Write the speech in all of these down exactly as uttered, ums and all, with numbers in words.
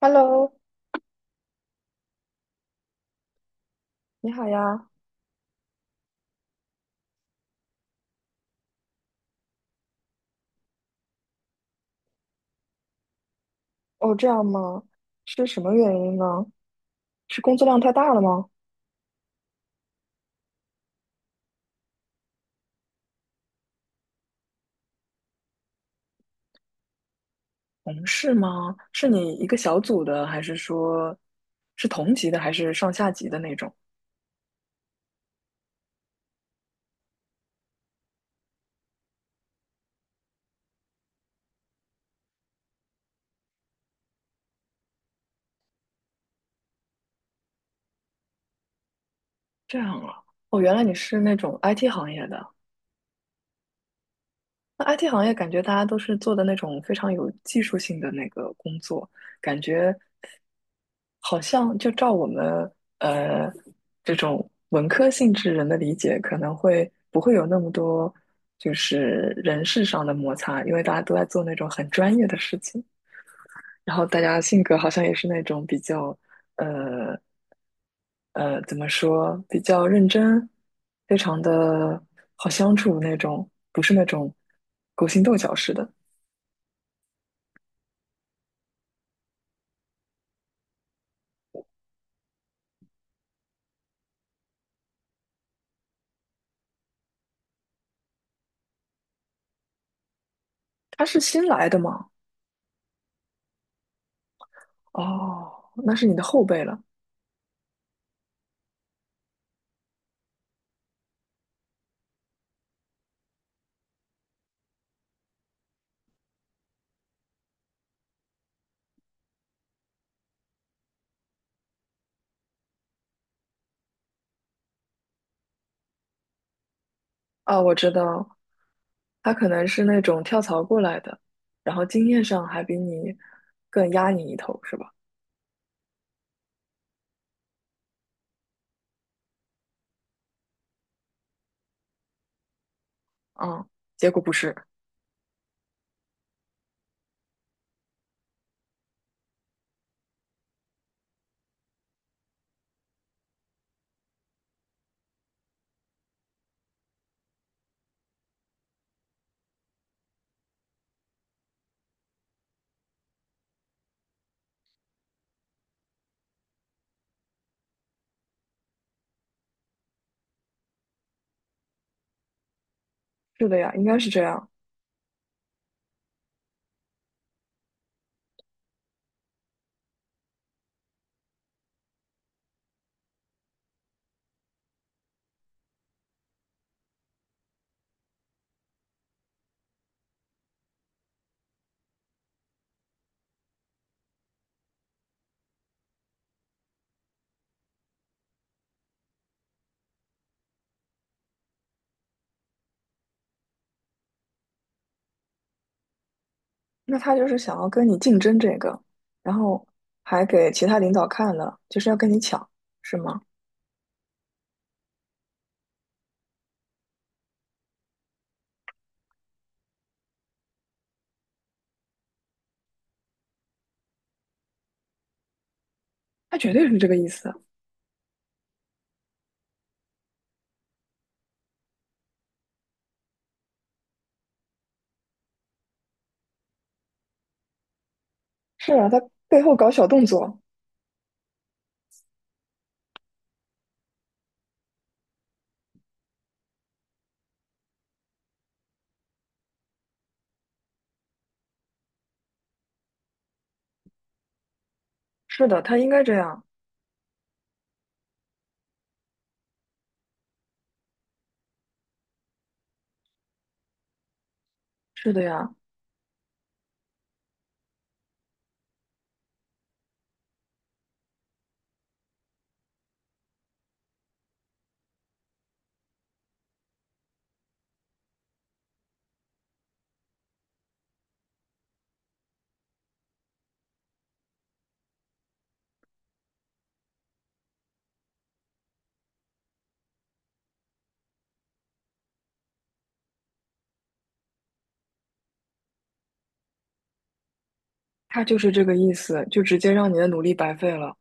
Hello，你好呀。哦，这样吗？是什么原因呢？是工作量太大了吗？同事吗？是你一个小组的，还是说是同级的，还是上下级的那种？这样啊。哦，原来你是那种 I T 行业的。那 I T 行业感觉大家都是做的那种非常有技术性的那个工作，感觉好像就照我们呃这种文科性质人的理解，可能会不会有那么多就是人事上的摩擦，因为大家都在做那种很专业的事情，然后大家性格好像也是那种比较呃怎么说比较认真，非常的好相处那种，不是那种勾心斗角式的。他是新来的嘛？哦，那是你的后辈了。啊，我知道，他可能是那种跳槽过来的，然后经验上还比你更压你一头，是吧？嗯，结果不是，是的呀，应该是这样。那他就是想要跟你竞争这个，然后还给其他领导看了，就是要跟你抢，是吗？他绝对是这个意思。是啊，他背后搞小动作。是的，他应该这样。是的呀，他就是这个意思，就直接让你的努力白费了。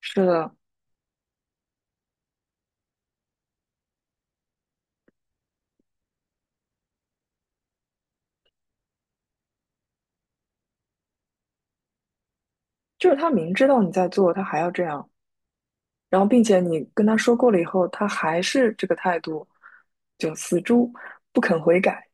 是的，就是他明知道你在做，他还要这样。然后并且你跟他说过了以后，他还是这个态度，就死猪不肯悔改。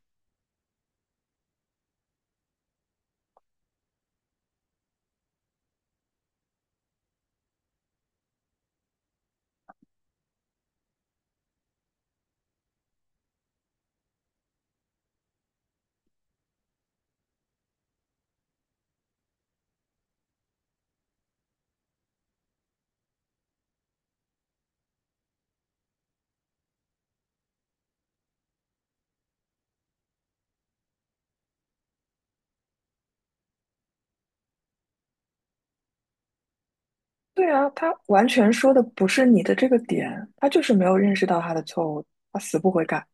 对啊，他完全说的不是你的这个点，他就是没有认识到他的错误，他死不悔改。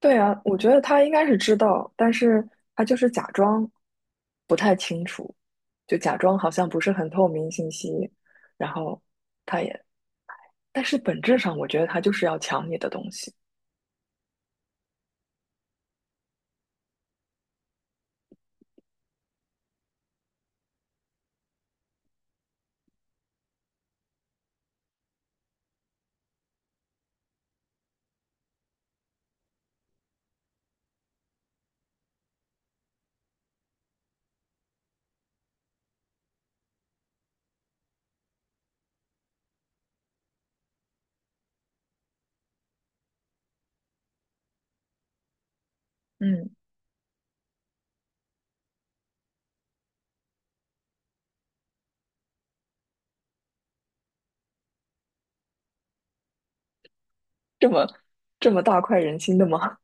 对啊，我觉得他应该是知道，但是他就是假装不太清楚，就假装好像不是很透明信息，然后他也，但是本质上我觉得他就是要抢你的东西。嗯，这么这么大快人心的吗？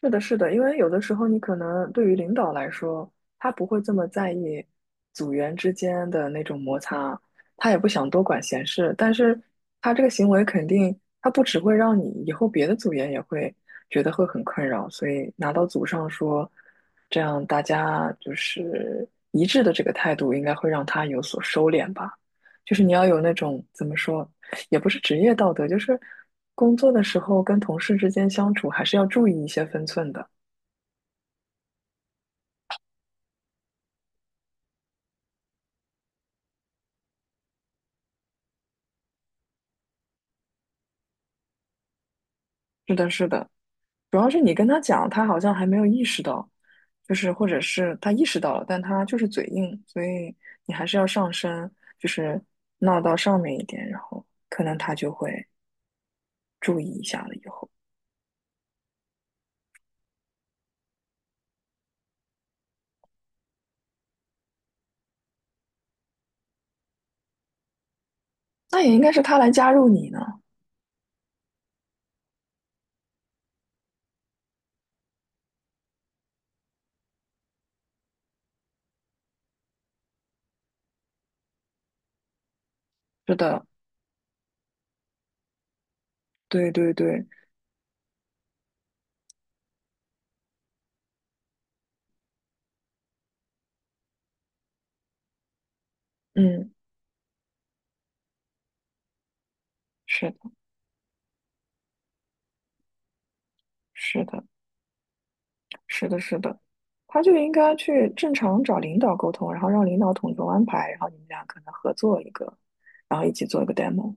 是的，是的，因为有的时候你可能对于领导来说，他不会这么在意组员之间的那种摩擦，他也不想多管闲事，但是他这个行为肯定，他不只会让你以后别的组员也会觉得会很困扰，所以拿到组上说，这样大家就是一致的这个态度，应该会让他有所收敛吧。就是你要有那种怎么说，也不是职业道德，就是工作的时候跟同事之间相处还是要注意一些分寸的。是的，是的，主要是你跟他讲，他好像还没有意识到，就是或者是他意识到了，但他就是嘴硬，所以你还是要上升，就是闹到上面一点，然后可能他就会注意一下了。以后那也应该是他来加入你呢。是的，对对对，嗯，是的，是的。是的，是的，他就应该去正常找领导沟通，然后让领导统筹安排，然后你们俩可能合作一个，然后一起做一个 demo，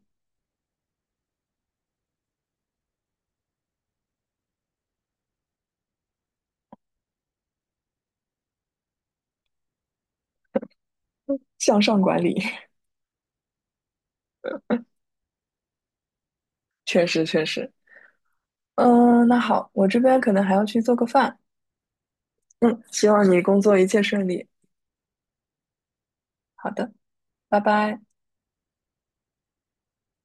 向上管理，确实确实。嗯，那好，我这边可能还要去做个饭。嗯，希望你工作一切顺利。好的，拜拜。